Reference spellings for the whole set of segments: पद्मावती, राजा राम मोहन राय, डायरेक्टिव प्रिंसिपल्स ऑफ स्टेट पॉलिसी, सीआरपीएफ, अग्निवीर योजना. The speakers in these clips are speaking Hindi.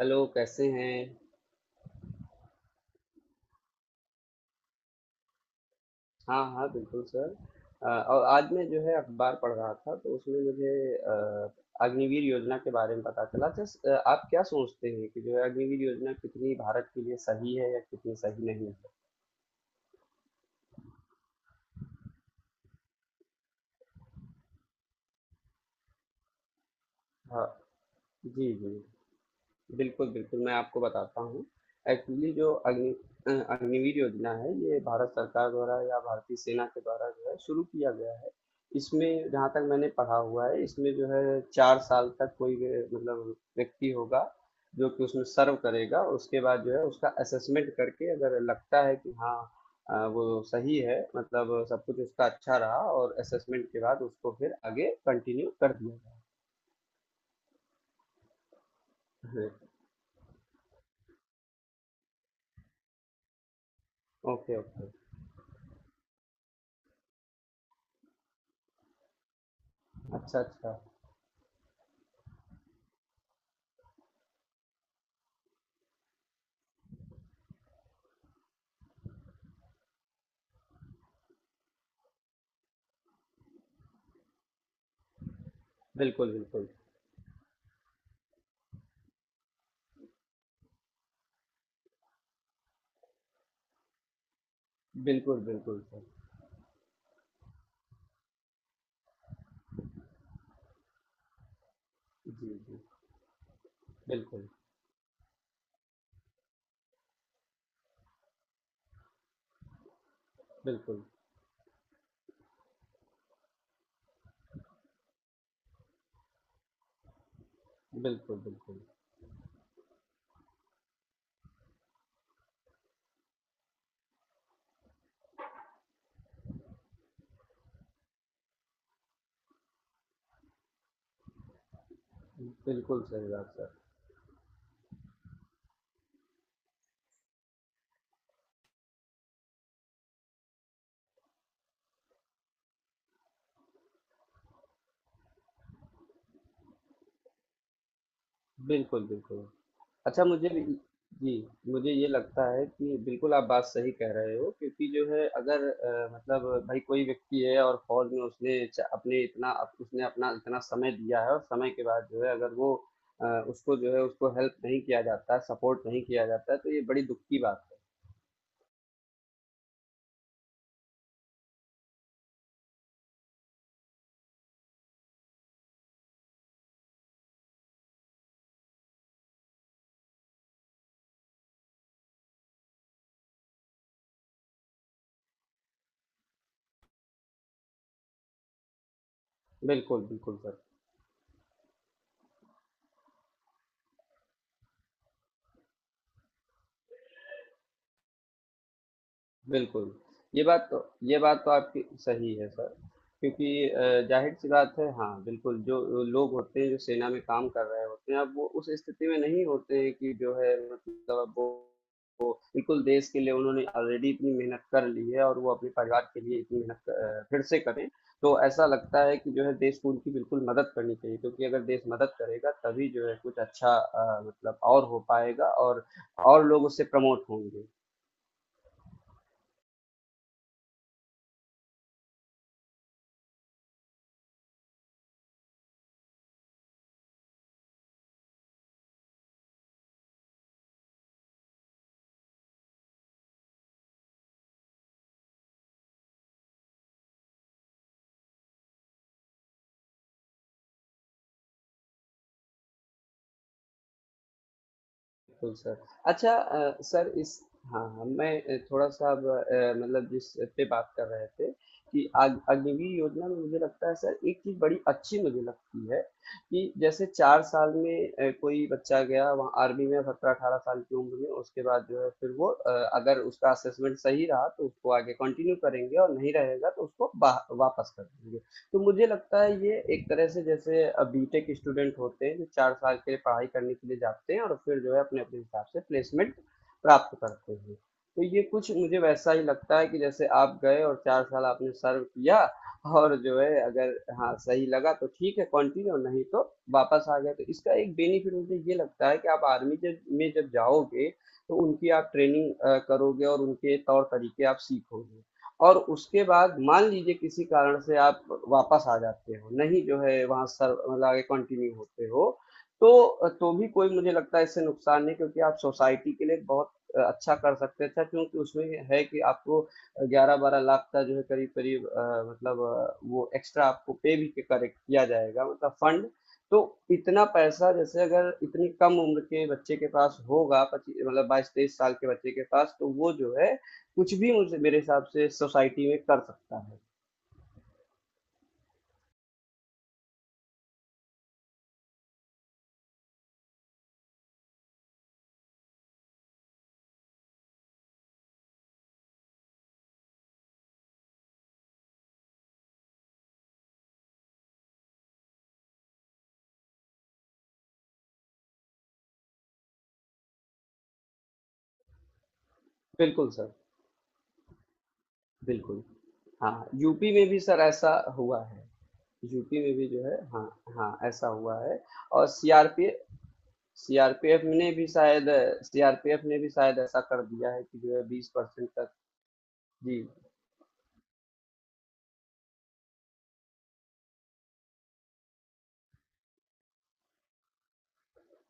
हेलो कैसे हैं। हाँ हाँ, बिल्कुल सर। और आज मैं जो है अखबार पढ़ रहा था तो उसमें मुझे अग्निवीर योजना के बारे में पता चला। जस्ट आप क्या सोचते हैं कि जो है अग्निवीर योजना कितनी भारत के लिए सही है या कितनी सही नहीं है। हाँ जी जी। बिल्कुल, बिल्कुल, मैं आपको बताता हूँ। एक्चुअली जो अग्निवीर योजना है, ये भारत सरकार द्वारा या भारतीय सेना के द्वारा जो है शुरू किया गया है। इसमें जहाँ तक मैंने पढ़ा हुआ है, इसमें जो है 4 साल तक कोई व्य मतलब व्यक्ति होगा, जो कि उसमें सर्व करेगा और उसके बाद जो है उसका असेसमेंट करके अगर लगता है कि हाँ वो सही है मतलब सब कुछ उसका अच्छा रहा और असेसमेंट के बाद उसको फिर आगे कंटिन्यू कर दिया जाए। Okay, okay. अच्छा, अच्छा। बिल्कुल, बिल्कुल। बिल्कुल, बिल्कुल सर। जी, जी। बिल्कुल, बिल्कुल, बिल्कुल, बिल्कुल। बिल्कुल सही बात सर। बिल्कुल, बिल्कुल। अच्छा मुझे भी जी, मुझे ये लगता है कि बिल्कुल आप बात सही कह रहे हो, क्योंकि जो है अगर मतलब भाई कोई व्यक्ति है और फ़ौज में उसने च अपने इतना अप उसने अपना इतना समय दिया है और समय के बाद जो है अगर वो उसको जो है उसको हेल्प नहीं किया जाता है, सपोर्ट नहीं किया जाता है, तो ये बड़ी दुःख की बात है। बिल्कुल, बिल्कुल सर। बिल्कुल, ये बात तो ये बात तो आपकी सही है सर, क्योंकि ज़ाहिर-सी बात है हाँ, बिल्कुल जो लोग होते हैं जो सेना में काम कर रहे होते हैं, अब वो उस स्थिति में नहीं होते हैं कि जो है मतलब अब वो बिल्कुल देश के लिए उन्होंने ऑलरेडी इतनी मेहनत कर ली है और वो अपने परिवार के लिए इतनी मेहनत फिर से करें, तो ऐसा लगता है कि जो है देश को उनकी बिल्कुल मदद करनी चाहिए, क्योंकि अगर देश मदद करेगा तभी जो है कुछ अच्छा मतलब और हो पाएगा और लोग उससे प्रमोट होंगे। बिल्कुल सर। अच्छा सर इस हाँ, हाँ, मैं थोड़ा-सा अब मतलब जिस पे बात कर रहे थे कि अग अग्नि योजना में मुझे लगता है सर एक चीज़ बड़ी अच्छी मुझे लगती है कि जैसे 4 साल में कोई बच्चा गया वहाँ आर्मी में 17-18 साल की उम्र में, उसके बाद जो है फिर वो अगर उसका असेसमेंट सही रहा तो उसको आगे कंटिन्यू करेंगे और नहीं रहेगा तो उसको बाह वापस कर देंगे। तो मुझे लगता है ये एक तरह से जैसे बीटेक स्टूडेंट होते हैं जो 4 साल के लिए पढ़ाई करने के लिए जाते हैं और फिर जो है अपने अपने हिसाब से प्लेसमेंट प्राप्त करते हैं। तो ये कुछ मुझे वैसा ही लगता है कि जैसे आप गए और 4 साल आपने सर्व किया और जो है अगर हाँ सही लगा तो ठीक है कंटिन्यू, नहीं तो वापस आ गए। तो इसका एक बेनिफिट मुझे ये लगता है कि आप आर्मी जब में जब जाओगे तो उनकी आप ट्रेनिंग करोगे और उनके तौर तरीके आप सीखोगे और उसके बाद मान लीजिए किसी कारण से आप वापस आ जाते हो, नहीं जो है वहाँ सर मतलब आगे कंटिन्यू होते हो, तो भी कोई मुझे लगता है इससे नुकसान नहीं, क्योंकि आप सोसाइटी के लिए बहुत अच्छा कर सकते हैं, अच्छा क्योंकि उसमें है कि आपको 11-12 लाख का जो है करीब करीब मतलब वो एक्स्ट्रा आपको पे भी करेक्ट किया जाएगा मतलब फंड। तो इतना पैसा जैसे अगर इतनी कम उम्र के बच्चे के पास होगा पच्चीस मतलब 22-23 साल के बच्चे के पास, तो वो जो है कुछ भी मुझे मेरे हिसाब से सोसाइटी में कर सकता है। बिल्कुल सर। बिल्कुल। हाँ यूपी में भी सर ऐसा हुआ है। यूपी में भी जो है हाँ। हाँ ऐसा हुआ है। और सीआरपीएफ सीआरपीएफ ने भी शायद सीआरपीएफ ने भी शायद ऐसा कर दिया है कि जो है 20% तक। जी।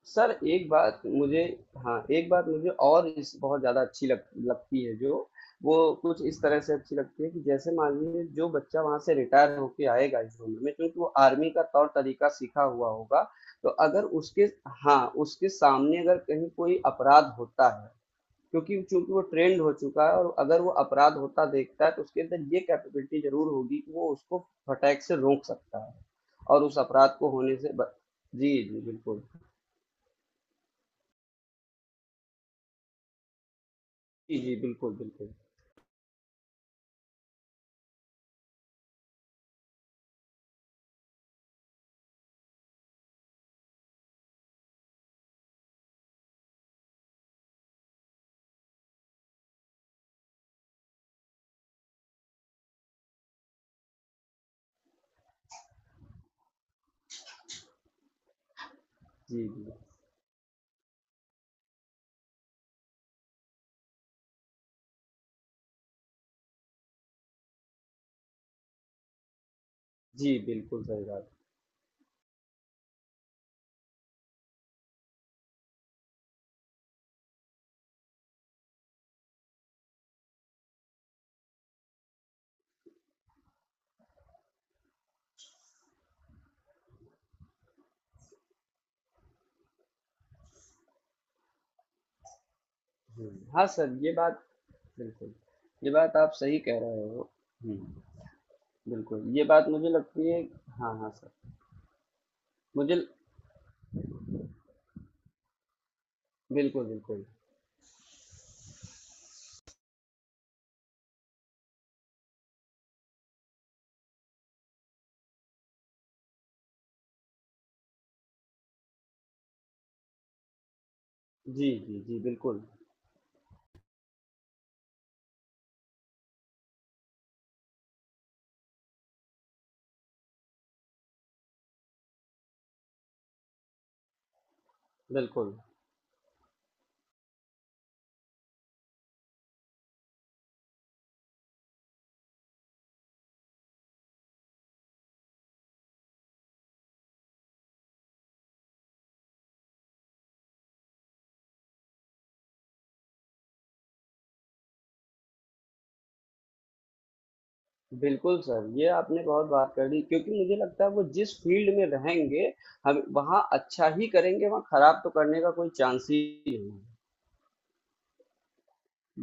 सर एक बात मुझे हाँ, एक बात मुझे और इस बहुत ज़्यादा अच्छी लग लगती है जो, वो कुछ इस तरह से अच्छी लगती है कि जैसे मानिए जो बच्चा वहाँ से रिटायर होके आएगा इस उम्र में, क्योंकि वो आर्मी का तौर-तरीका सीखा हुआ होगा, तो अगर उसके हाँ, उसके सामने अगर कहीं कोई अपराध होता है, क्योंकि चूँकि वो ट्रेंड हो चुका है और अगर वो अपराध होता देखता है तो उसके अंदर ये कैपेबिलिटी ज़रूर होगी कि वो उसको फटाक से रोक सकता है और उस अपराध को होने से ब। जी, जी, बिल्कुल। जी, जी, बिल्कुल, बिल्कुल। जी, जी। जी, बिल्कुल सही बात। हुँ, हाँ सर, ये बात बिल्कुल, ये बात आप सही कह रहे हो। हुँ, बिल्कुल, ये बात मुझे लगती है हाँ, हाँ सर, मुझे बिल्कुल, बिल्कुल। जी, जी, जी, बिल्कुल, बिल्कुल। बिल्कुल सर, ये आपने बहुत बात कर दी, क्योंकि मुझे लगता है वो जिस फ़ील्ड में रहेंगे, हम वहाँ अच्छा ही करेंगे, वहाँ खराब तो करने का कोई चांस ही नहीं है।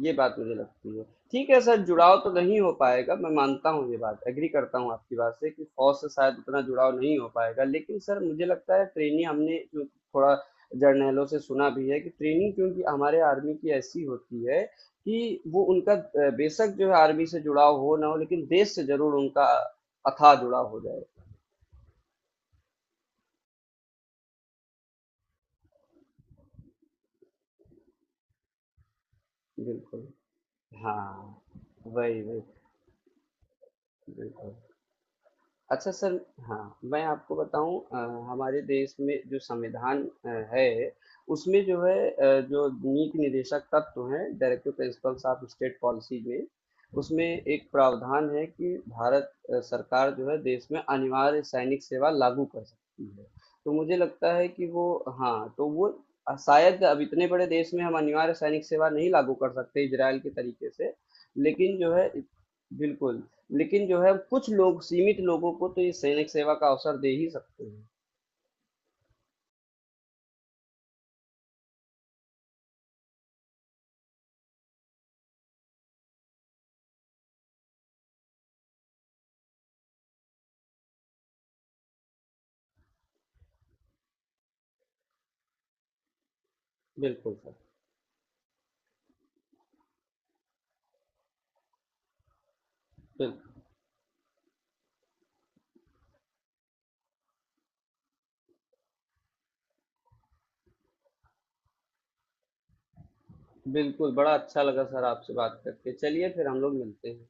ये बात मुझे लगती है। ठीक है सर जुड़ाव तो नहीं हो पाएगा, मैं मानता हूँ ये बात एग्री करता हूँ आपकी बात से कि फौज से शायद उतना जुड़ाव नहीं हो पाएगा, लेकिन सर मुझे लगता है ट्रेनिंग हमने जो थोड़ा जर्नैलों से सुना भी है कि ट्रेनिंग क्योंकि हमारे आर्मी की ऐसी होती है कि वो उनका बेशक जो है आर्मी से जुड़ाव हो ना हो, लेकिन देश से जरूर उनका अथाह जुड़ाव हो जाए। बिल्कुल। हाँ। वही वही। बिल्कुल। अच्छा सर, हाँ मैं आपको बताऊं हमारे देश में जो संविधान है उसमें जो है जो नीति निदेशक तत्व तो हैं डायरेक्टिव प्रिंसिपल्स ऑफ स्टेट पॉलिसी में, उसमें एक प्रावधान है कि भारत सरकार जो है देश में अनिवार्य सैनिक सेवा लागू कर सकती है। तो मुझे लगता है कि वो हाँ तो वो शायद अब इतने बड़े देश में हम अनिवार्य सैनिक सेवा नहीं लागू कर सकते इजराइल के तरीके से, लेकिन जो है बिल्कुल लेकिन जो है कुछ लोग सीमित लोगों को तो ये सैनिक सेवा का अवसर दे ही सकते हैं। बिल्कुल सर। बिल्कुल। बिल्कुल बड़ा अच्छा लगा सर आपसे बात करके, चलिए फिर हम लोग मिलते हैं।